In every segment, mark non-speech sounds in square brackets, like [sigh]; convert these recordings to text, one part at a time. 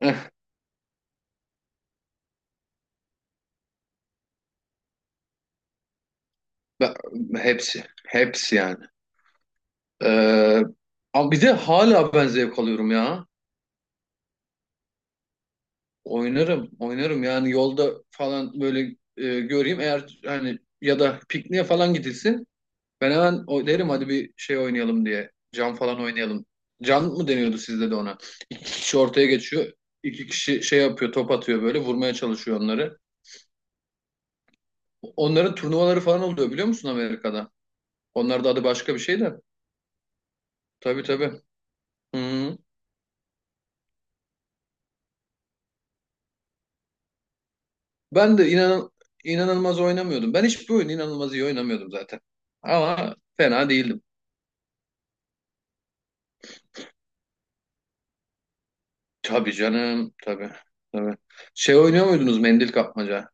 Eh, ben- hepsi. Hepsi yani. Ee, Ama bir de hala ben zevk alıyorum ya. Oynarım. Oynarım yani yolda falan böyle göreyim. Eğer hani ya da pikniğe falan gidilsin. Ben hemen o derim hadi bir şey oynayalım diye. Can falan oynayalım. Can mı deniyordu sizde de ona? İki kişi ortaya geçiyor. İki kişi şey yapıyor, top atıyor böyle vurmaya çalışıyor onları. Onların turnuvaları falan oluyor biliyor musun Amerika'da? Onlar da adı başka bir şey de. Tabii tabii. Hı. Ben de inan inanılmaz oynamıyordum. Ben hiçbir oyun inanılmaz iyi oynamıyordum zaten. Ama fena değildim. Tabii canım, tabii. Tabii. Şey oynuyor muydunuz mendil kapmaca?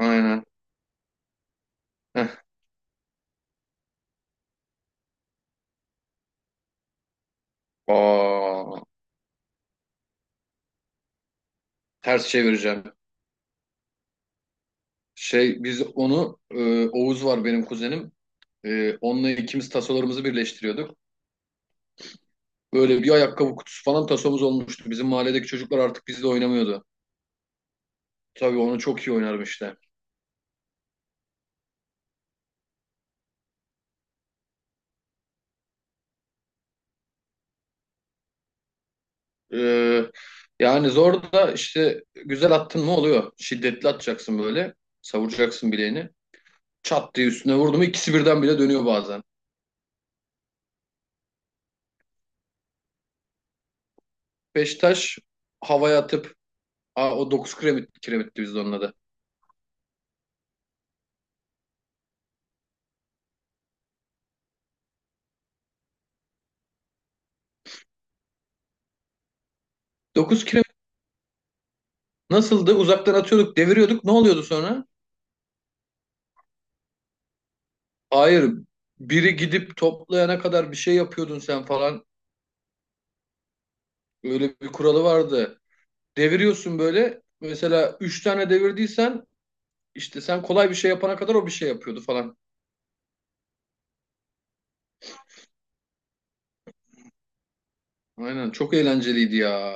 Aynen. Heh. Aa, ters çevireceğim. Şey biz onu Oğuz var benim kuzenim. Onunla ikimiz tasolarımızı birleştiriyorduk. Böyle bir ayakkabı kutusu falan tasomuz olmuştu. Bizim mahalledeki çocuklar artık bizle oynamıyordu. Tabii onu çok iyi oynarım işte. Ee, Yani zor da işte güzel attın mı oluyor. Şiddetli atacaksın böyle. Savuracaksın bileğini. Çat diye üstüne vurdu mu ikisi birden bile dönüyor bazen. Beşiktaş havaya atıp aa, o 9 kiremit, kiremitti biz de onun adı. 9 kiremit nasıldı? Uzaktan atıyorduk, deviriyorduk. Ne oluyordu sonra? Hayır. Biri gidip toplayana kadar bir şey yapıyordun sen falan. Öyle bir kuralı vardı. Deviriyorsun böyle. Mesela 3 tane devirdiysen işte sen kolay bir şey yapana kadar o bir şey yapıyordu falan. Aynen çok eğlenceliydi ya.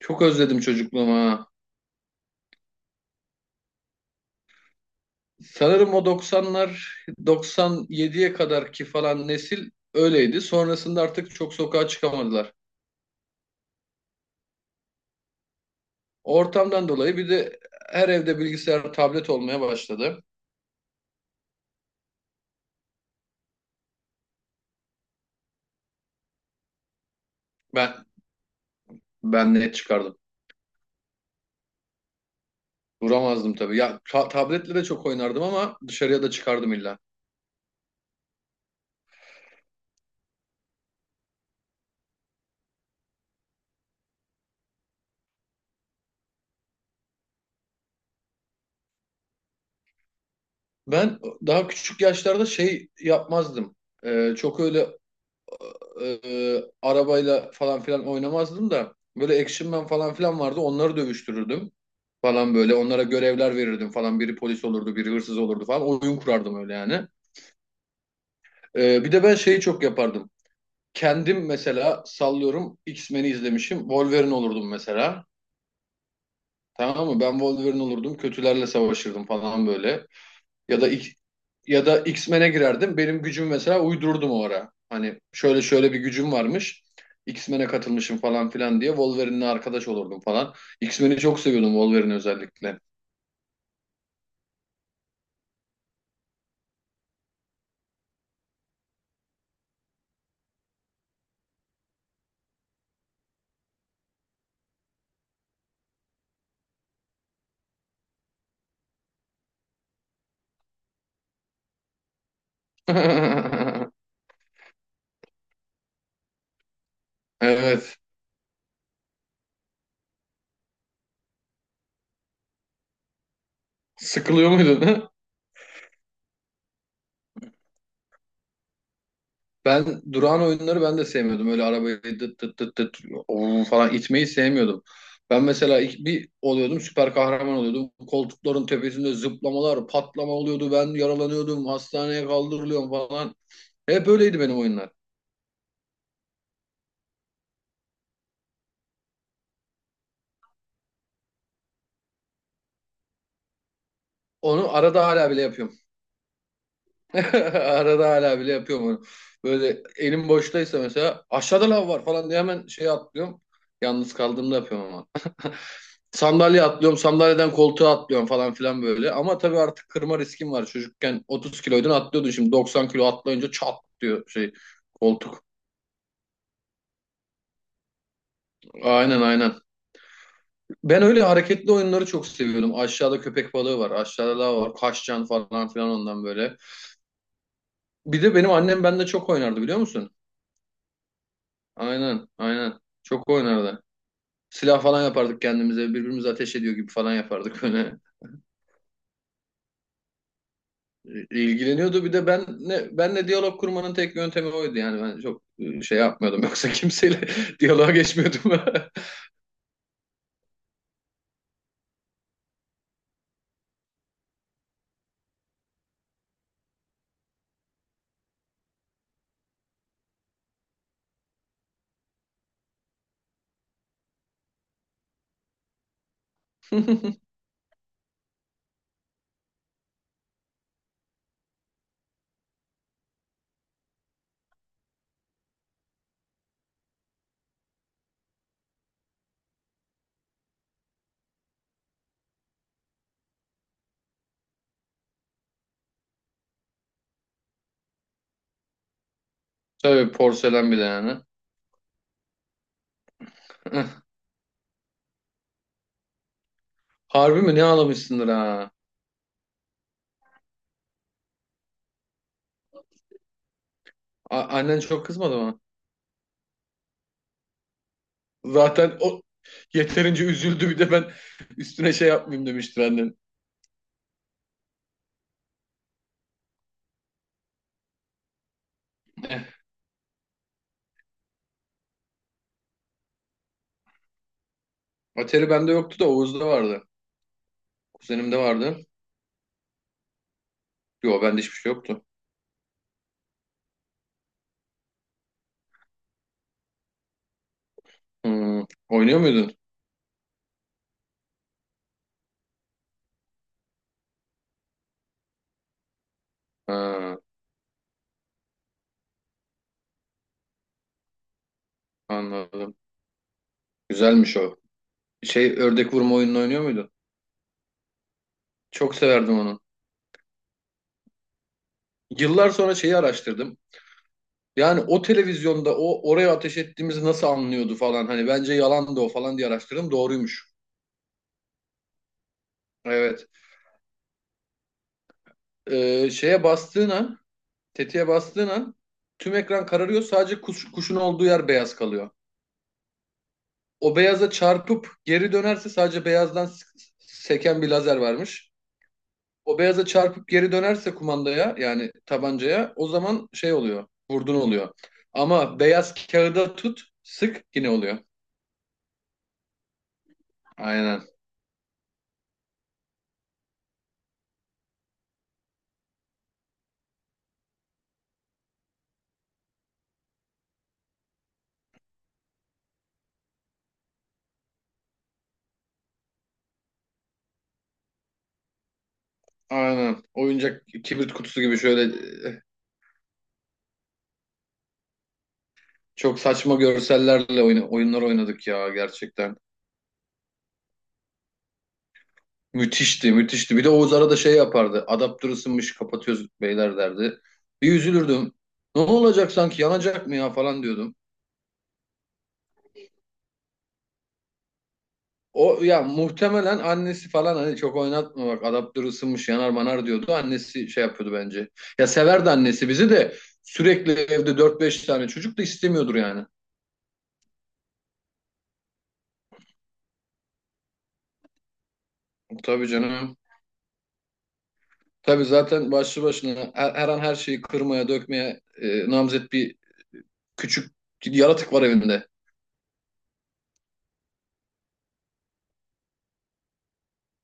Çok özledim çocukluğumu ha. Sanırım o 90'lar 97'ye kadarki falan nesil öyleydi. Sonrasında artık çok sokağa çıkamadılar. Ortamdan dolayı bir de her evde bilgisayar, tablet olmaya başladı. Ben ben net çıkardım. Duramazdım tabii. Ya tabletle de çok oynardım ama dışarıya da çıkardım illa. Ben daha küçük yaşlarda şey yapmazdım. Çok öyle e, arabayla falan filan oynamazdım da böyle Action Man falan filan vardı onları dövüştürürdüm falan böyle onlara görevler verirdim falan biri polis olurdu biri hırsız olurdu falan oyun kurardım öyle yani. Bir de ben şeyi çok yapardım. Kendim mesela sallıyorum X-Men'i izlemişim Wolverine olurdum mesela. Tamam mı? Ben Wolverine olurdum, kötülerle savaşırdım falan böyle. Ya da X- ya da X-Men'e girerdim. Benim gücümü mesela uydururdum o ara. Hani şöyle şöyle bir gücüm varmış. X-Men'e katılmışım falan filan diye Wolverine'le arkadaş olurdum falan. X-Men'i çok seviyordum Wolverine özellikle. [laughs] Evet. Sıkılıyor muydun? [laughs] Ben durağan oyunları ben de sevmiyordum. Öyle arabayı dıt dıt dıt dıt oo falan itmeyi sevmiyordum. Ben mesela ilk bir oluyordum süper kahraman oluyordum. Koltukların tepesinde zıplamalar, patlama oluyordu. Ben yaralanıyordum, hastaneye kaldırılıyorum falan. Hep böyleydi benim oyunlar. Onu arada hala bile yapıyorum. [laughs] Arada hala bile yapıyorum onu. Böyle elim boştaysa mesela aşağıda lav var falan diye hemen şeye atlıyorum. Yalnız kaldığımda yapıyorum ama. [laughs] Sandalye atlıyorum, sandalyeden koltuğa atlıyorum falan filan böyle. Ama tabii artık kırma riskim var. Çocukken 30 kiloydun atlıyordun şimdi 90 kilo atlayınca çat diyor şey koltuk. Aynen aynen. Ben öyle hareketli oyunları çok seviyorum. Aşağıda köpek balığı var, aşağıda lav var, kaşcan falan filan ondan böyle. Bir de benim annem bende çok oynardı biliyor musun? Aynen, aynen. Çok oynardı. Silah falan yapardık kendimize, birbirimize ateş ediyor gibi falan yapardık [laughs] öyle. İlgileniyordu. Bir de ben ne benle diyalog kurmanın tek yöntemi oydu yani ben çok şey yapmıyordum yoksa kimseyle [laughs] diyaloğa geçmiyordum. [laughs] Tabii porselen bile yani. [laughs] Eh, harbi mi ne ağlamışsındır ha? Annen çok kızmadı mı? Zaten o yeterince üzüldü, bir de ben üstüne şey yapmayayım demiştir annen. Atari bende yoktu da Oğuz'da vardı. Kuzenimde vardı. Yo bende hiçbir şey yoktu. Hmm. Oynuyor muydun? Ha, anladım. Güzelmiş o. Şey ördek vurma oyununu oynuyor muydun? Çok severdim onu. Yıllar sonra şeyi araştırdım. Yani o televizyonda o oraya ateş ettiğimizi nasıl anlıyordu falan. Hani bence yalandı o falan diye araştırdım. Doğruymuş. Evet. Şeye bastığın an, tetiğe bastığın an tüm ekran kararıyor. Sadece kuş, kuşun olduğu yer beyaz kalıyor. O beyaza çarpıp geri dönerse sadece beyazdan seken bir lazer varmış. O beyaza çarpıp geri dönerse kumandaya yani tabancaya o zaman şey oluyor. Vurdun oluyor. Ama beyaz kağıda tut sık yine oluyor. Aynen. Aynen. Oyuncak kibrit kutusu gibi şöyle eh, çok saçma görsellerle oyunlar oynadık ya gerçekten. Müthişti, müthişti. Bir de Oğuz arada şey yapardı. Adaptör ısınmış, kapatıyoruz beyler derdi. Bir üzülürdüm. Ne olacak sanki yanacak mı ya falan diyordum. O ya muhtemelen annesi falan hani çok oynatma bak adaptör ısınmış yanar manar diyordu. Annesi şey yapıyordu bence. Ya severdi annesi bizi de sürekli evde 4-5 tane çocuk da istemiyordur yani. Tabii canım. Tabii zaten başlı başına her an her şeyi kırmaya dökmeye namzet bir küçük yaratık var evinde.